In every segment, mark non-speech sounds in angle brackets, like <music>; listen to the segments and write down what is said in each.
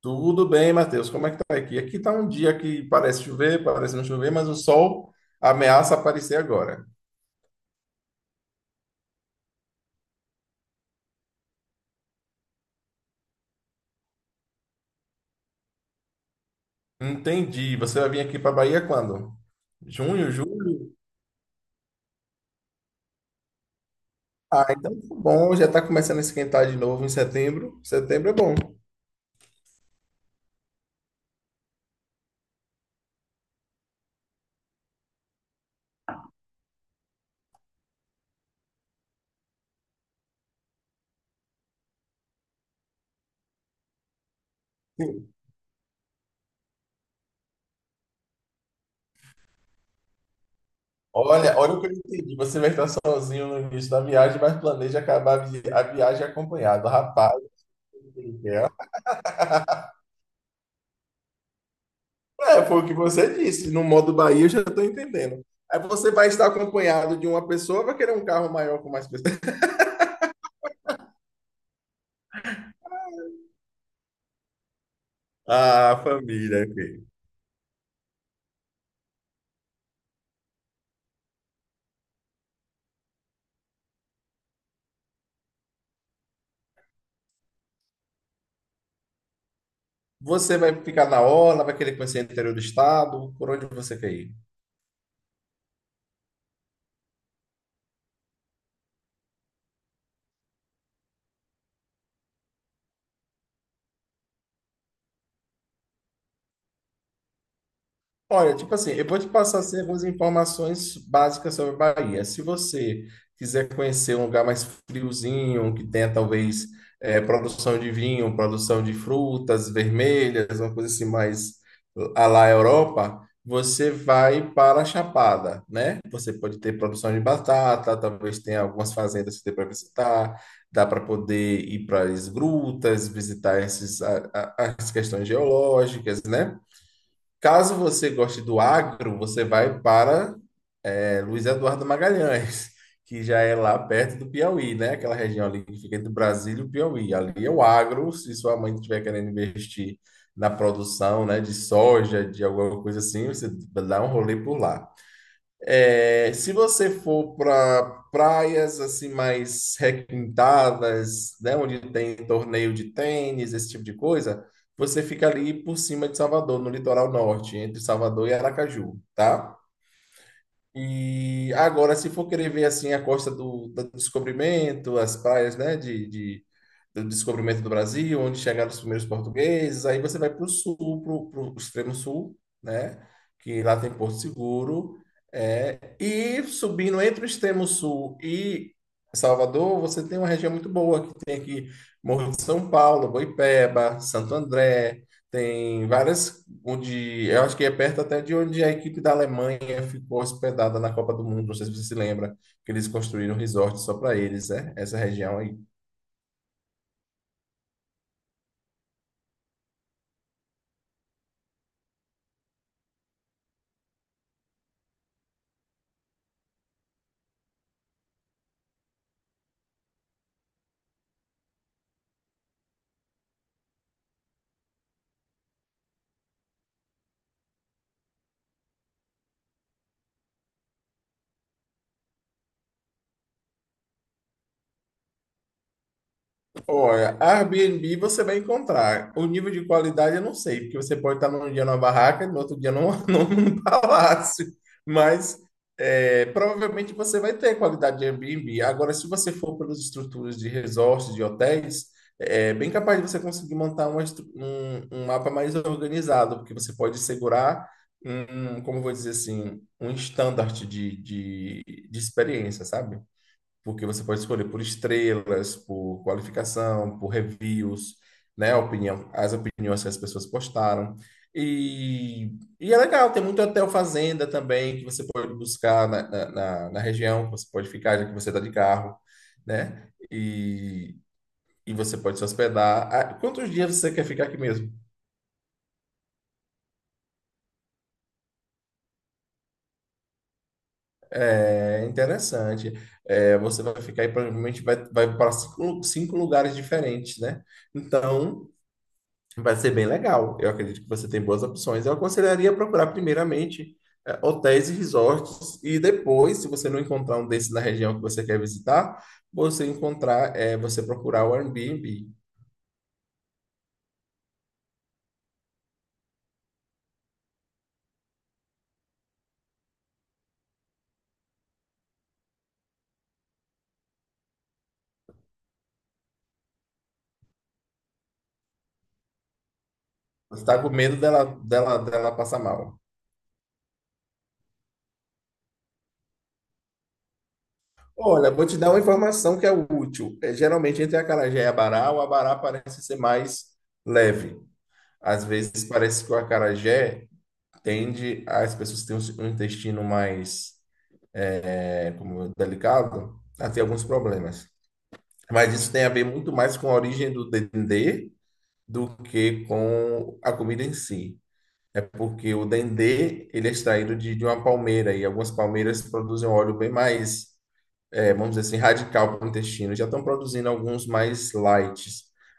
Tudo bem, Matheus? Como é que tá aqui? Aqui tá um dia que parece chover, parece não chover, mas o sol ameaça aparecer agora. Entendi. Você vai vir aqui para Bahia quando? Junho, julho? Ah, então tá bom, já tá começando a esquentar de novo em setembro. Setembro é bom. Sim. Olha, olha o que eu entendi. Você vai estar sozinho no início da viagem, mas planeja acabar a viagem acompanhado. Rapaz, é, foi o que você disse. No modo Bahia, eu já estou entendendo. Aí você vai estar acompanhado de uma pessoa, vai querer um carro maior com mais pessoas. <laughs> Ah, família, ok. Você vai ficar na orla, vai querer conhecer o interior do estado, por onde você quer ir? Olha, tipo assim, eu vou te passar assim, algumas informações básicas sobre a Bahia. Se você quiser conhecer um lugar mais friozinho, que tenha talvez produção de vinho, produção de frutas vermelhas, uma coisa assim mais à la Europa, você vai para a Chapada, né? Você pode ter produção de batata, talvez tenha algumas fazendas que dê para visitar, dá para poder ir para as grutas, visitar esses, as questões geológicas, né? Caso você goste do agro, você vai para é, Luiz Eduardo Magalhães, <laughs> que já é lá perto do Piauí, né? Aquela região ali que fica entre Brasília e o Piauí. Ali é o agro, se sua mãe estiver querendo investir na produção, né, de soja, de alguma coisa assim, você dá um rolê por lá. É, se você for para praias assim mais requintadas, né, onde tem torneio de tênis, esse tipo de coisa, você fica ali por cima de Salvador, no litoral norte, entre Salvador e Aracaju, tá? E agora, se for querer ver assim a costa do Descobrimento, as praias, né, do Descobrimento do Brasil, onde chegaram os primeiros portugueses, aí você vai para o sul, para o extremo sul, né? Que lá tem Porto Seguro. E subindo entre o extremo sul e Salvador, você tem uma região muito boa, que tem aqui Morro de São Paulo, Boipeba, Santo André, tem várias, onde eu acho que é perto até de onde a equipe da Alemanha ficou hospedada na Copa do Mundo, não sei se você se lembra, que eles construíram um resort só para eles, né? Essa região. Olha, Airbnb você vai encontrar. O nível de qualidade eu não sei, porque você pode estar num dia numa barraca e no outro dia num, <laughs> num palácio. Mas é, provavelmente você vai ter qualidade de Airbnb. Agora, se você for pelas estruturas de resorts, de hotéis, é bem capaz de você conseguir montar uma um mapa mais organizado, porque você pode segurar como eu vou dizer assim, um standard de experiência, sabe? Porque você pode escolher por estrelas, por qualificação, por reviews, né? A opinião, as opiniões que as pessoas postaram. E, e é legal, tem muito hotel fazenda também que você pode buscar na região, que você pode ficar, já que você está de carro, né? E você pode se hospedar. Ah, quantos dias você quer ficar aqui mesmo? É interessante. É, você vai ficar aí, provavelmente vai para cinco lugares diferentes, né? Então, vai ser bem legal. Eu acredito que você tem boas opções. Eu aconselharia procurar primeiramente hotéis e resorts e depois, se você não encontrar um desses na região que você quer visitar, você encontrar, você procurar o Airbnb. Você está com medo dela passar mal. Olha, vou te dar uma informação que é útil. É geralmente entre acarajé e abará, o abará parece ser mais leve. Às vezes parece que o acarajé tende, as pessoas têm um intestino mais, né, como é delicado, ela tem alguns problemas. Mas isso tem a ver muito mais com a origem do dendê do que com a comida em si. É porque o dendê, ele é extraído de uma palmeira, e algumas palmeiras produzem um óleo bem mais, vamos dizer assim, radical para o intestino. Já estão produzindo alguns mais light.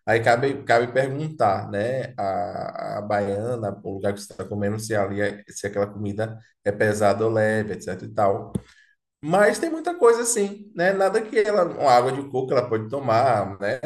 Aí, cabe, cabe perguntar, né, a baiana, o lugar que você está comendo, se ali é, se aquela comida é pesada ou leve, etc e tal. Mas tem muita coisa assim, né? Nada que ela, uma água de coco ela pode tomar, né?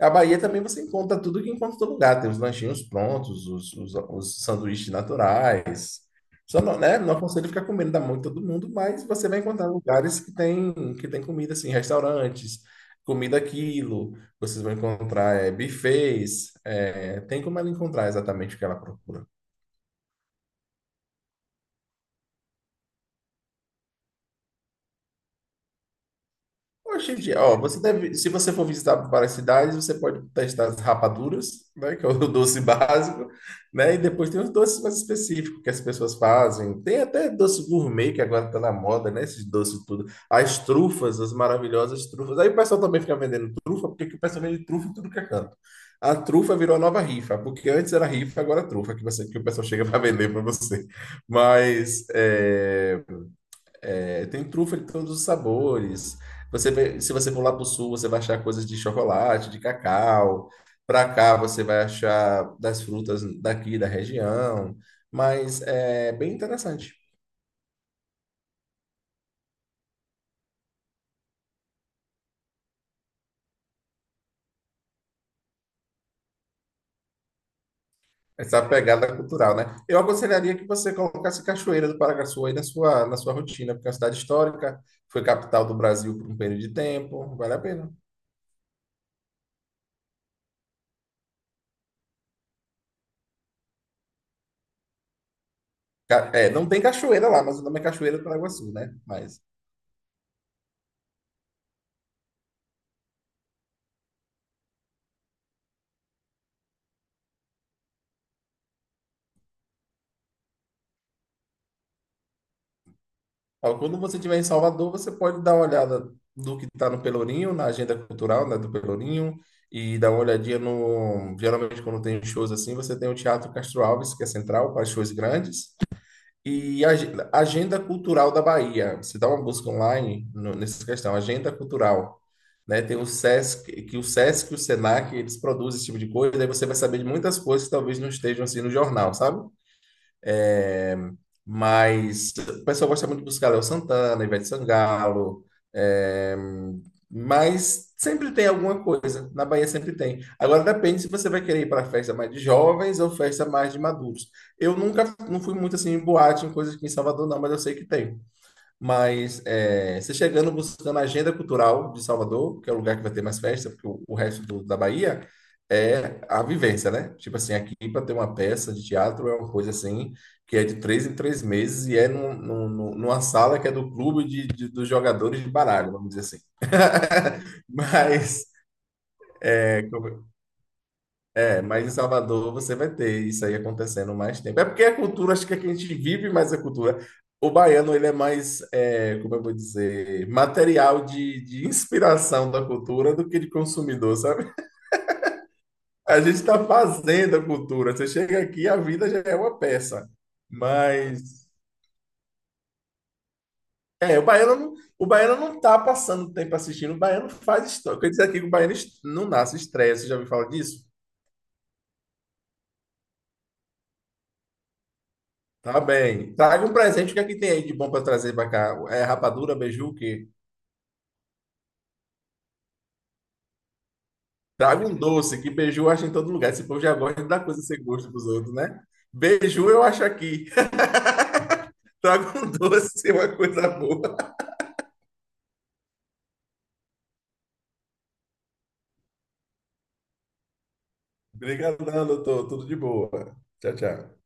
A Bahia também você encontra tudo que encontra em todo lugar. Tem os lanchinhos prontos, os sanduíches naturais. Só não, né? Não aconselho ficar comendo da mão de todo mundo, mas você vai encontrar lugares que tem comida assim, restaurantes, comida aquilo. Vocês vão encontrar é, buffets. É, tem como ela encontrar exatamente o que ela procura. Hoje em dia, ó, você deve, se você for visitar várias cidades, você pode testar as rapaduras, né, que é o <laughs> doce básico, né, e depois tem os doces mais específicos que as pessoas fazem. Tem até doce gourmet que agora tá na moda, né, esses doces tudo. As trufas, as maravilhosas trufas. Aí o pessoal também fica vendendo trufa, porque aqui o pessoal vende trufa em tudo que é canto. A trufa virou a nova rifa, porque antes era rifa, agora é trufa que você, que o pessoal chega para <laughs> vender para você. Mas é, é, tem trufa de todos os sabores. Se você for lá para o sul, você vai achar coisas de chocolate, de cacau. Para cá, você vai achar das frutas daqui da região. Mas é bem interessante essa pegada cultural, né? Eu aconselharia que você colocasse Cachoeira do Paraguaçu aí na sua rotina, porque é uma cidade histórica, foi capital do Brasil por um período de tempo, vale a pena. É, não tem cachoeira lá, mas o nome é Cachoeira do Paraguaçu, né? Mas ó, quando você estiver em Salvador, você pode dar uma olhada do que está no Pelourinho, na agenda cultural, né, do Pelourinho, e dar uma olhadinha no. Geralmente, quando tem shows assim, você tem o Teatro Castro Alves, que é central, para shows grandes, e a Agenda Cultural da Bahia. Você dá uma busca online nessa questão, Agenda Cultural. Né? Tem o Sesc, que o Sesc e o Senac, eles produzem esse tipo de coisa, daí você vai saber de muitas coisas que talvez não estejam assim no jornal, sabe? Mas o pessoal gosta muito de buscar Léo Santana, Ivete Sangalo, é, mas sempre tem alguma coisa. Na Bahia sempre tem. Agora depende se você vai querer ir para festa mais de jovens ou festa mais de maduros. Eu nunca não fui muito assim em boate, em coisas aqui em Salvador, não, mas eu sei que tem. Mas é, você chegando buscando a agenda cultural de Salvador, que é o lugar que vai ter mais festa, porque o resto da Bahia é a vivência, né? Tipo assim, aqui para ter uma peça de teatro é uma coisa assim, que é de três em três meses e é numa sala que é do clube dos jogadores de baralho, vamos dizer assim. <laughs> Mas é, mas em Salvador você vai ter isso aí acontecendo mais tempo. É porque a cultura, acho que é que a gente vive mais a cultura. O baiano, ele é mais, é, como eu vou dizer, material de inspiração da cultura do que de consumidor, sabe? A gente está fazendo a cultura. Você chega aqui, a vida já é uma peça. Mas, é, o baiano não tá passando tempo assistindo. O baiano faz história. Eu queria dizer aqui que o não nasce estresse. Você já ouviu falar disso? Tá bem. Traga um presente. O que é que tem aí de bom para trazer para cá? É rapadura, beiju, o quê? Traga um doce, que beiju acha em todo lugar. Esse povo já gosta da coisa sem gosto dos outros, né? Beiju eu acho aqui. <laughs> Traga um doce, uma coisa boa. Obrigadão, doutor. Tudo de boa. Tchau, tchau.